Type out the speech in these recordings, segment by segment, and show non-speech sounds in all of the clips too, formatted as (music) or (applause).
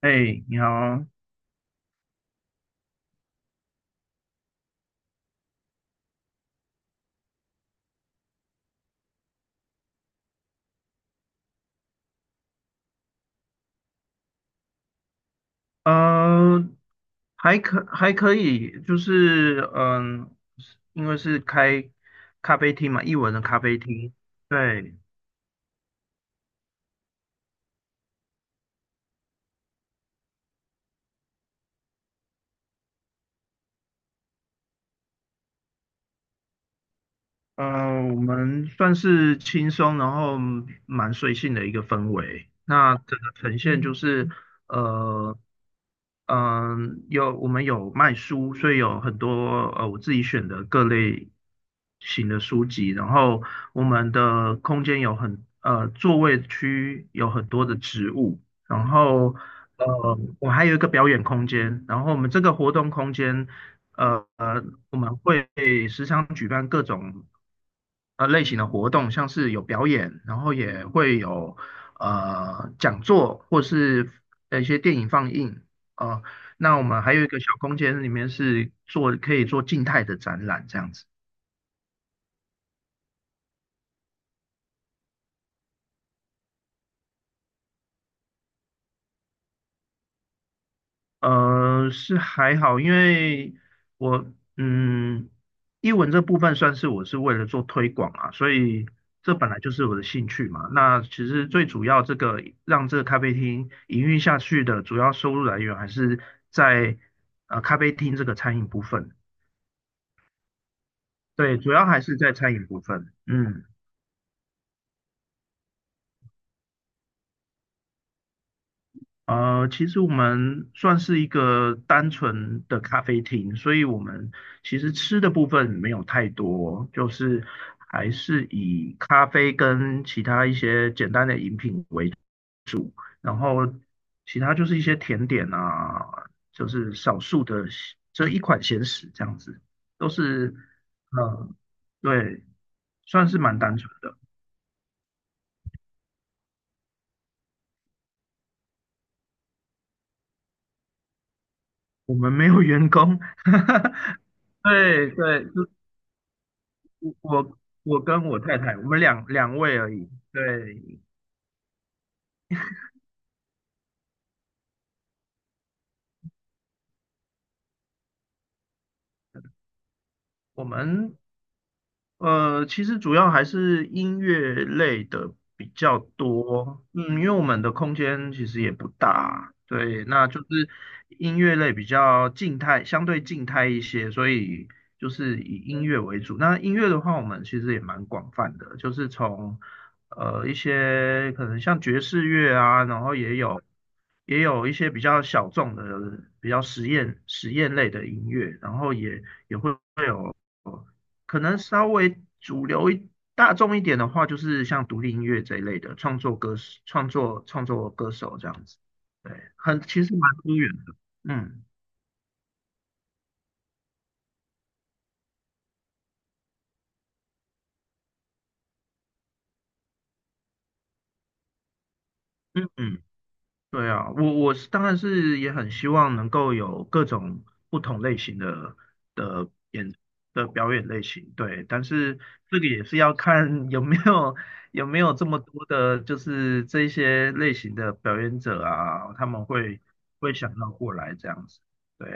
哎，你好。呃，还可以，就是是因为是开咖啡厅嘛，艺文的咖啡厅，对。呃，我们算是轻松，然后蛮随性的一个氛围。那整个呈现就是，呃，我们有卖书，所以有很多我自己选的各类型的书籍。然后我们的空间座位区有很多的植物，然后我还有一个表演空间。然后我们这个活动空间呃呃我们会时常举办各种类型的活动，像是有表演，然后也会有讲座或是一些电影放映。哦，那我们还有一个小空间，里面可以做静态的展览这样子。是还好，因为我嗯，英文这部分算是我是为了做推广啊，所以这本来就是我的兴趣嘛。那其实最主要这个让这个咖啡厅营运下去的主要收入来源还是在咖啡厅这个餐饮部分，对，主要还是在餐饮部分，嗯。其实我们算是一个单纯的咖啡厅，所以我们其实吃的部分没有太多，就是还是以咖啡跟其他一些简单的饮品为主，然后其他就是一些甜点啊，就是少数的这一款咸食这样子，都是呃，对，算是蛮单纯的。我们没有员工，(laughs) 对对，我我我跟我太太，我们两位而已。对，我们其实主要还是音乐类的比较多，嗯，因为我们的空间其实也不大，对，那就是音乐类比较静态，相对静态一些，所以就是以音乐为主。那音乐的话，我们其实也蛮广泛的，就是从一些可能像爵士乐啊，然后也有一些比较小众的、比较实验类的音乐，然后也会。可能稍微主流一大众一点的话，就是像独立音乐这一类的创作歌手这样子。对，其实蛮多元的。嗯嗯嗯，对啊，我是当然是也很希望能够有各种不同类型的演的表演类型，对，但是这个也是要看有没有这么多的，就是这一些类型的表演者啊，他们会想要过来这样子。对，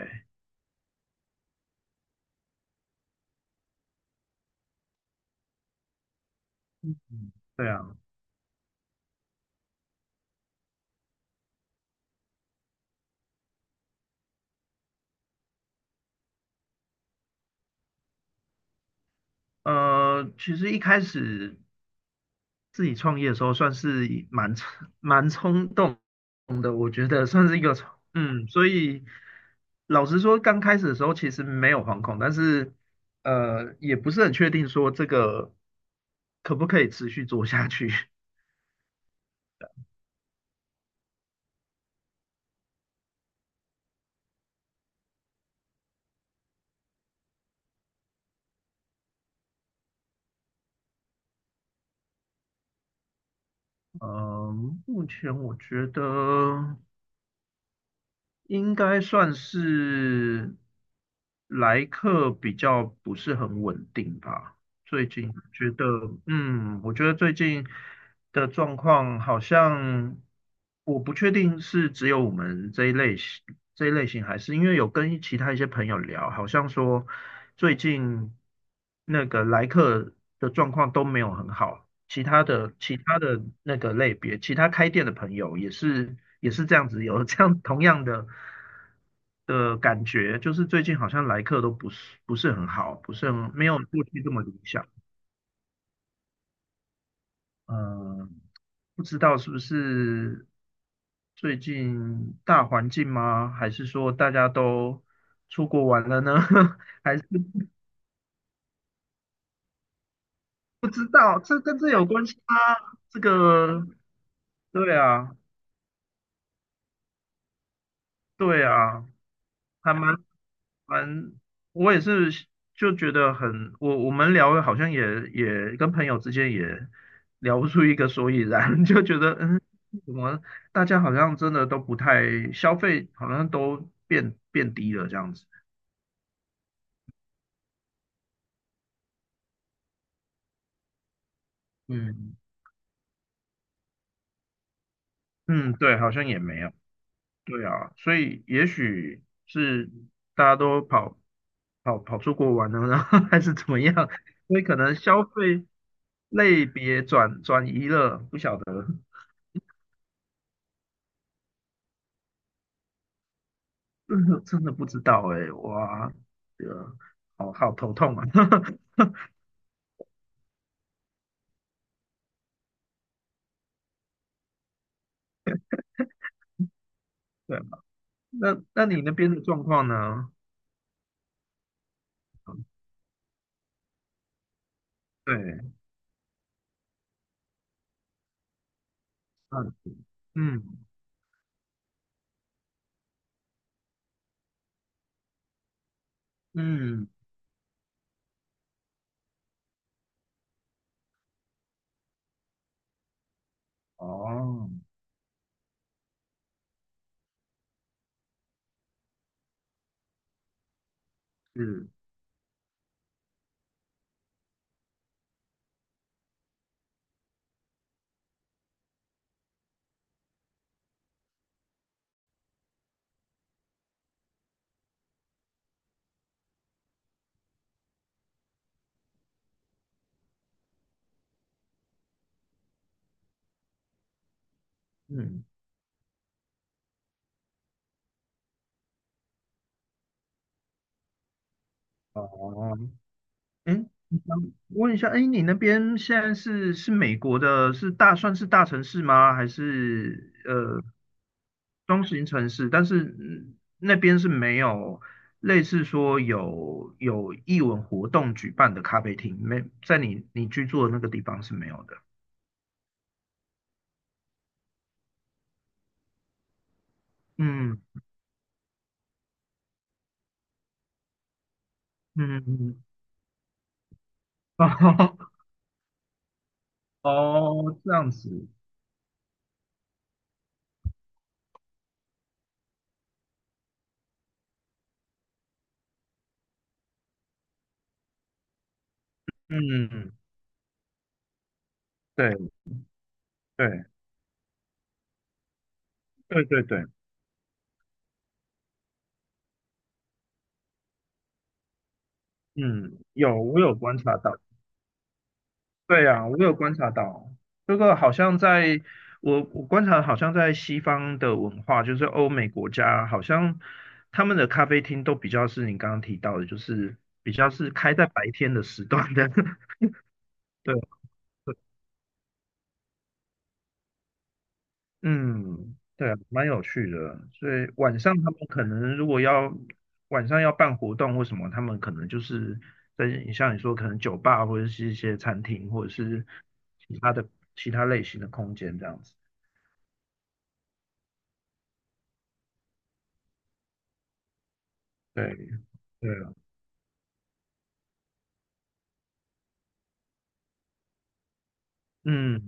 对啊，其实一开始。自己创业的时候算是蛮冲动的，我觉得算是一个冲，所以老实说，刚开始的时候其实没有惶恐，但是也不是很确定说这个可不可以持续做下去。(laughs) 嗯，目前我觉得，应该算是来客比较不是很稳定吧。最近觉得，我觉得最近的状况好像，我不确定是只有我们这一类型，还是因为有跟其他一些朋友聊，好像说最近那个来客的状况都没有很好。其他的那个类别，其他开店的朋友也是这样子，有这样 (laughs) 同样的感觉，就是最近好像来客都不是很好，不是很没有过去这么理想。嗯，不知道是不是最近大环境吗？还是说大家都出国玩了呢？(laughs) 还是不知道，这跟这有关系吗？这个，对啊，对啊。还蛮，我也是就觉得很，我们聊好像也跟朋友之间也聊不出一个所以然，(laughs) 就觉得怎么大家好像真的都不太消费，好像都变低了这样子。嗯嗯，对，好像也没有。对啊，所以也许是大家都跑出国玩了，然后 (laughs) 还是怎么样，所以可能消费类别转移了，不晓得。(laughs) 真的真的不知道哎、哇，呃，好好头痛啊。(laughs) 对啊，那你那边的状况呢？对，嗯嗯嗯，哦，是，嗯，哦，嗯，想问一下，哎，你那边现在是美国的，算是大城市吗？还是中型城市？但是那边是没有类似说有艺文活动举办的咖啡厅，没在你居住的那个地方是没有的。嗯嗯嗯，(laughs) 哦哦，这样子，嗯嗯，对对对对对，嗯，我有观察到。对呀，我有观察到，这个好像在我观察，好像在西方的文化，就是欧美国家，好像他们的咖啡厅都比较是你刚刚提到的，就是比较是开在白天的时段的。(laughs) 对，嗯，对啊，蛮有趣的。所以晚上他们可能如果要晚上要办活动或什么，他们可能就是在像你说，可能酒吧或者是一些餐厅，或者是其他的其他类型的空间这样子。对。对啊，嗯，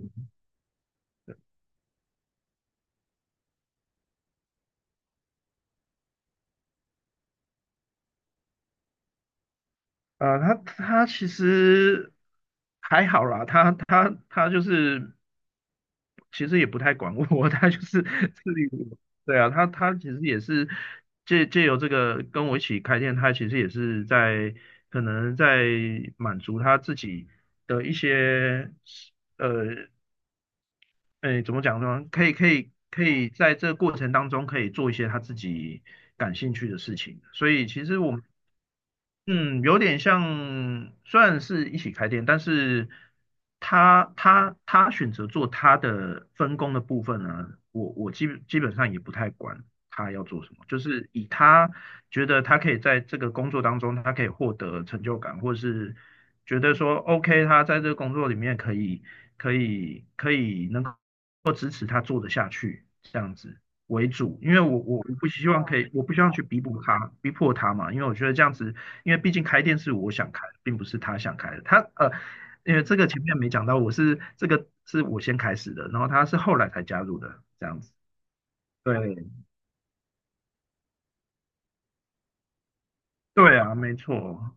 啊、他其实还好啦，他就是其实也不太管我，(laughs) 他就是自律我。对啊，他其实也是借由这个跟我一起开店，他其实也是在可能在满足他自己的一些呃诶怎么讲呢？可以在这个过程当中可以做一些他自己感兴趣的事情，所以其实我们嗯，有点像，虽然是一起开店，但是他选择做他的分工的部分呢，我基本上也不太管他要做什么，就是以他觉得他可以在这个工作当中，他可以获得成就感，或是觉得说 OK，他在这个工作里面可以能够支持他做得下去这样子。为主，因为我不希望可以，我不希望去逼迫他，逼迫他嘛，因为我觉得这样子，因为毕竟开店是我想开，并不是他想开的。因为这个前面没讲到，我是这个是我先开始的，然后他是后来才加入的，这样子。对，对啊，没错，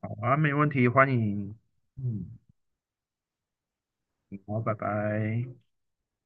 好啊，没问题，欢迎，嗯，好，拜拜。